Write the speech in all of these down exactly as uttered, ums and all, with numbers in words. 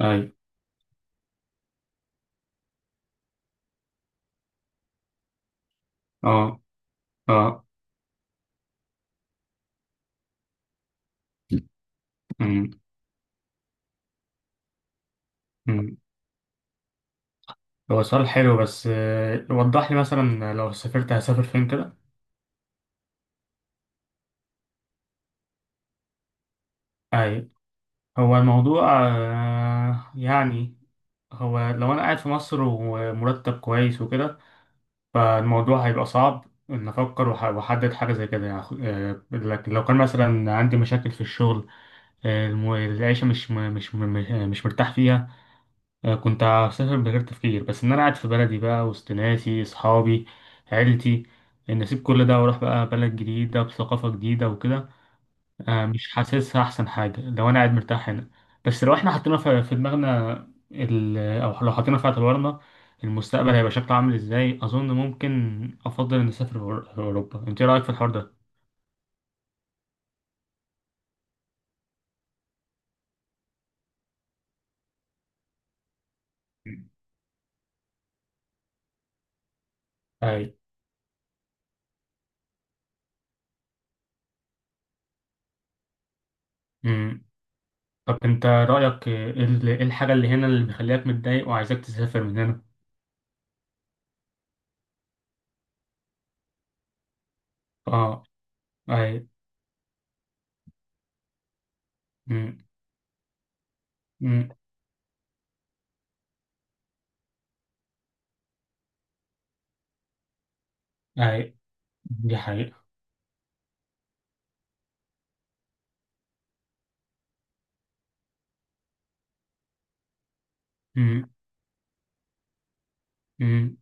أي. أه. أه. أمم، أمم. هو سؤال حلو بس آه، وضح لي مثلا لو سافرت هسافر فين كده. أي. هو الموضوع آه، يعني، هو لو أنا قاعد في مصر ومرتب كويس وكده، فالموضوع هيبقى صعب إن أفكر وأح- وأحدد حاجة زي كده يعني. آه، لكن لو كان مثلا عندي مشاكل في الشغل، آه، الم- العيشة مش مش مش م- مش مرتاح فيها. آه، كنت هسافر من غير تفكير، بس ان انا قاعد في بلدي بقى وسط ناسي، اصحابي، عيلتي، ان اسيب كل ده واروح بقى بلد جديدة بثقافة جديدة وكده. آه، مش حاسسها احسن حاجة لو انا قاعد مرتاح هنا. بس لو احنا حطينا في في دماغنا ال... او لو حطينا في اعتبارنا المستقبل هيبقى شكله عامل ازاي، اظن ممكن افضل ان اسافر أور- اوروبا. انت إيه رايك في الحوار ده؟ اي. امم. طب انت رايك ايه، ال- إيه الحاجة اللي هنا اللي مخليك متضايق وعايزك تسافر من هنا؟ اه. اي. امم. اي. دي حقيقة. امم. امم.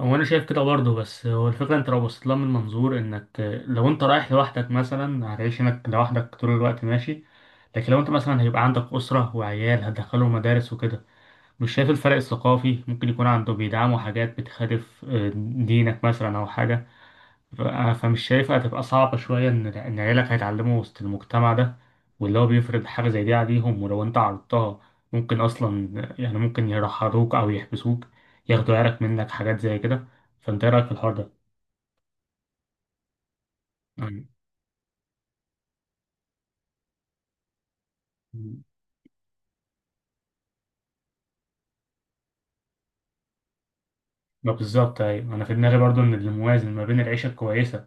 هو انا شايف كده برضه، بس هو الفكرة، انت لو بصيت لها من منظور انك، لو انت رايح لوحدك مثلا هتعيش هناك لوحدك طول الوقت ماشي. لكن لو انت مثلا هيبقى عندك أسرة وعيال هتدخلهم مدارس وكده، مش شايف الفرق الثقافي ممكن يكون عنده بيدعموا حاجات بتخالف آه، دينك مثلا او حاجة. ف- فمش شايفها هتبقى صعبة شوية إن إن عيالك هيتعلموا وسط المجتمع ده، واللي هو بيفرض حاجة زي دي عليهم، ولو أنت عرضتها ممكن أصلا، يعني ممكن يرحروك أو يحبسوك، ياخدوا عيالك منك، حاجات زي كده. فأنت إيه رأيك في الحوار ده؟ يعني- ما بالظبط أيوة، أنا في دماغي برضو إن الموازن ما بين العيشة الكويسة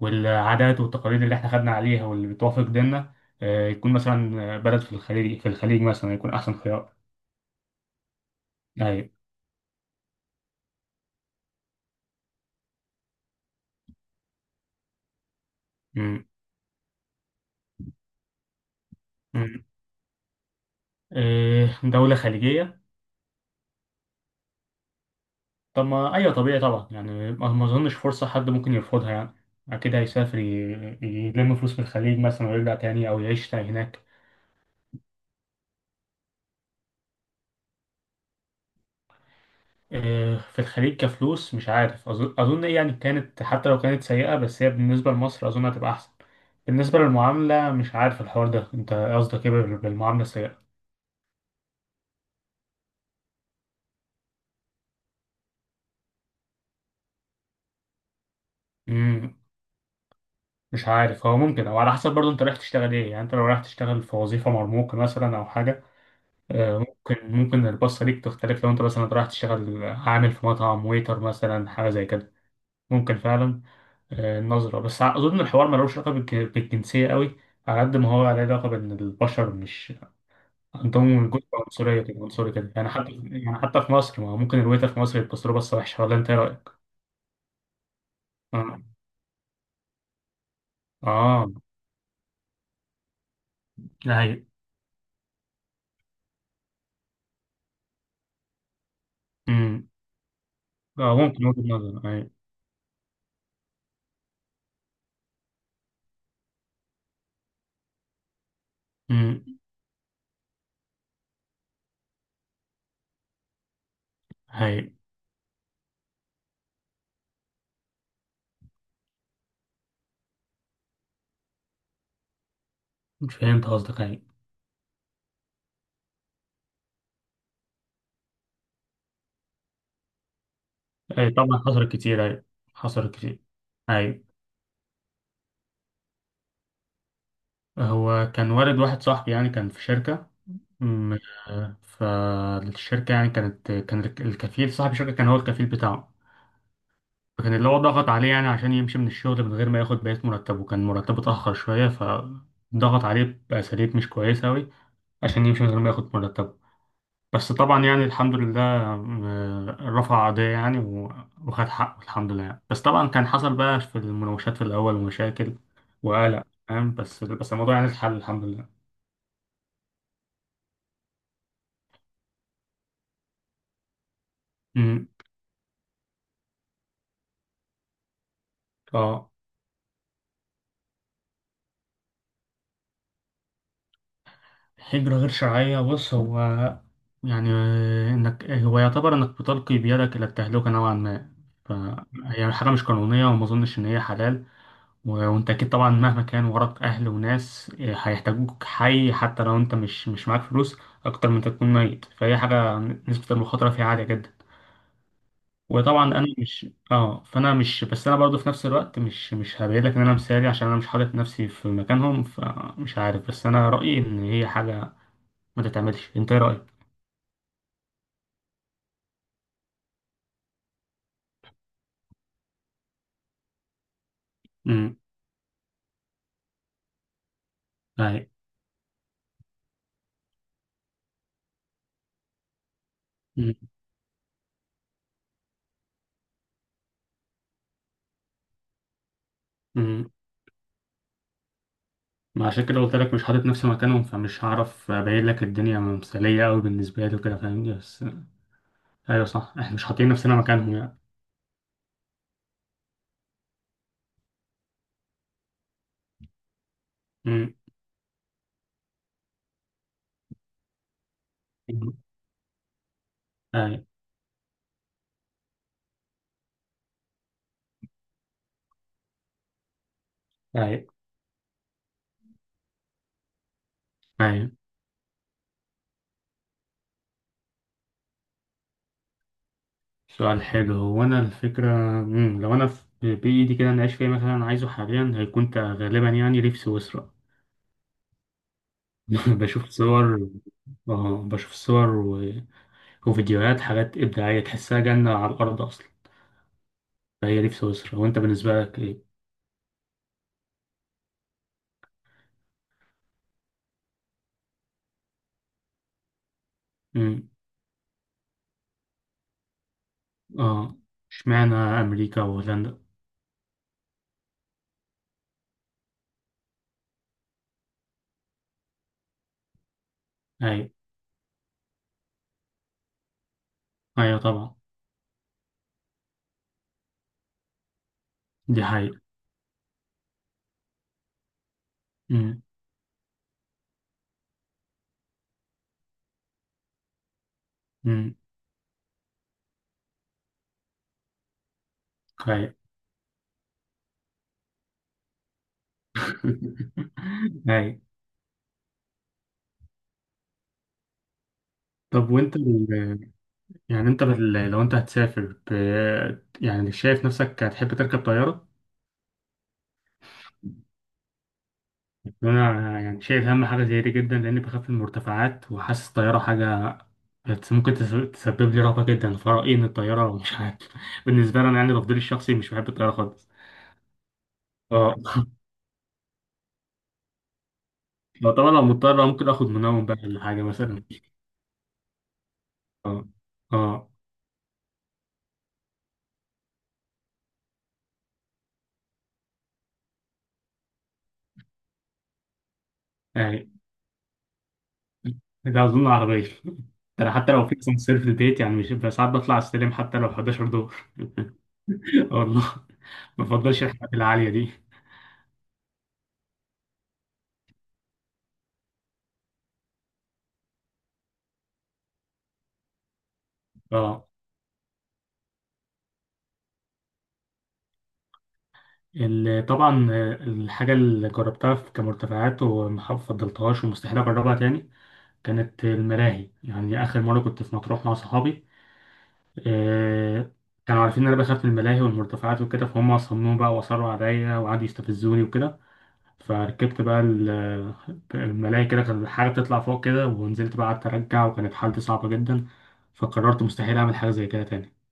والعادات والتقاليد اللي إحنا خدنا عليها واللي بتوافق ديننا، آه، يكون مثلا آه، بلد في الخليج في الخليج مثلا يكون أحسن خيار. أيوة. م- م. آه، دولة خليجية. طب ما ايوه، طبيعي طبعا يعني، ما ما اظنش فرصه حد ممكن يرفضها يعني. اكيد هيسافر، ي- يلم فلوس في الخليج مثلا ويرجع تاني، او يعيش تاني هناك. إيه، في الخليج كفلوس مش عارف، اظن، اظن إيه يعني، كانت حتى لو كانت سيئه، بس هي بالنسبه لمصر اظن هتبقى احسن. بالنسبه للمعامله مش عارف الحوار ده، انت قصدك ايه بال- بالمعامله السيئه؟ امم. مش عارف، هو ممكن او على حسب برضه انت رايح تشتغل ايه يعني. انت لو رايح تشتغل في وظيفه مرموقه مثلا او حاجه، آه، ممكن ممكن البصة ليك تختلف. لو انت مثلا رايح تشتغل آه، عامل في مطعم، ويتر مثلا، حاجة زي كده، ممكن فعلا. آه، النظرة بس، ع- أظن الحوار ملوش علاقة بالج- بالجنسية قوي، على قد ما هو عليه علاقة بإن البشر مش عندهم جزء، عنصرية كده، عنصري كده يعني. حتى يعني، حتى في مصر، ما هو ممكن الويتر في مصر يبص له بصة وحشة. ولا أنت إيه رأيك؟ آه. آه. ده هي. أمم. آه، ممكن وجهة نظر. هي. أمم. هي. فهمت قصدك. هي. أي، طبعا حصلت كتير. هي. حصلت كتير. هي. هو كان والد واحد صاحبي يعني، كان في شركة. م- آه، فالشركة يعني كانت، كان الكفيل صاحب الشركة كان هو الكفيل بتاعه. فكان اللي هو ضغط عليه يعني عشان يمشي من الشغل من غير ما ياخد بقية مرتبه. كان مرتبه اتأخر شوية فضغط عليه بأساليب مش كويسة أوي عشان يمشي من غير ما ياخد مرتبه. بس طبعا يعني الحمد لله آه، رفع قضية يعني، و- وخد حقه الحمد لله يعني. بس طبعا كان حصل بقى في المناوشات في الأول مشاكل وقلق فاهم. بس بس الموضوع يعني اتحل الحمد لله. مم. اه. هجرة غير شرعية، بص هو يعني، إنك، هو يعتبر إنك بتلقي بيدك إلى التهلكة نوعا ما. فهي حاجة مش قانونية وما أظنش إن هي حلال. و- وأنت أكيد طبعا مهما كان وراك أهل وناس آه، هيحتاجوك حي، حتى لو أنت مش مش معاك فلوس، أكتر من تكون ميت. فهي حاجة نسبة المخاطرة فيها عالية جدا. وطبعا أنا مش، أه، فأنا مش، بس أنا برضو في نفس الوقت مش مش هبعدلك إن أنا مثالي، عشان أنا مش حاطط نفسي في مكانهم فمش عارف. بس أنا رأيي إن هي حاجة ما تتعملش. انت ايه رأيك؟ امم. اي. امم. امم. ما عشان كده قلت لك مش حاطط نفسي مكانهم، فمش هعرف ابين لك الدنيا مثاليه قوي بالنسبه لي وكده فاهمني. بس ايوه صح، احنا مش حاطين نفسنا مكانهم يعني. امم. أمم. اي. اي. اي. سؤال حلو. هو انا الفكره، امم، لو انا في بايدي كده انا اعيش فيها مثلا، عايزه حاليا هيكون تع- غالبا يعني ريف سويسرا. بشوف صور. اه، بشوف صور و... وفيديوهات حاجات ابداعيه، تحسها جنه على الارض اصلا. فهي دي في سويسرا. وانت بالنسبه لك ايه؟ اه. اشمعنى امريكا وهولندا؟ ايوه. ايوه طبعا. دي حقيقة. امم. امم. ايوه. ايوه. طب وانت ال... يعني انت بال... لو انت هتسافر ب... يعني شايف نفسك هتحب تركب طيارة؟ انا يعني شايف اهم حاجة زي دي جدا، لاني بخاف من المرتفعات وحاسس الطيارة حاجة بت- ممكن تس- تسبب لي رهبة جدا. فرأيي ان الطيارة مش عارف. بالنسبة لي انا يعني تفضيلي الشخصي مش بحب الطيارة خالص. اه. لو طبعا لو مضطر ممكن اخد منوم بقى ولا حاجة مثلا. اه. اه. يعني ده اظن عربيه. ده انا حتى لو في اسانسير في البيت يعني مش، بس ساعات بطلع السلم حتى لو احدعشر دور. آه والله. ما بفضلش الحاجات العاليه دي. اه. ال- طبعا آه، الحاجه اللي جربتها في- كمرتفعات وما فضلتهاش ومستحيل اجربها تاني، كانت الملاهي. يعني اخر مره كنت في مطروح مع صحابي، آه، كانوا عارفين ان انا بخاف من الملاهي والمرتفعات وكده، فهم صمموا بقى واصروا عليا وقعدوا يستفزوني وكده. فركبت بقى ال- الملاهي كده، كان الحاجة بتطلع فوق كده ونزلت بقى، قعدت أرجع وكانت حالتي صعبة جدا. فقررت مستحيل أعمل حاجة زي كده تاني.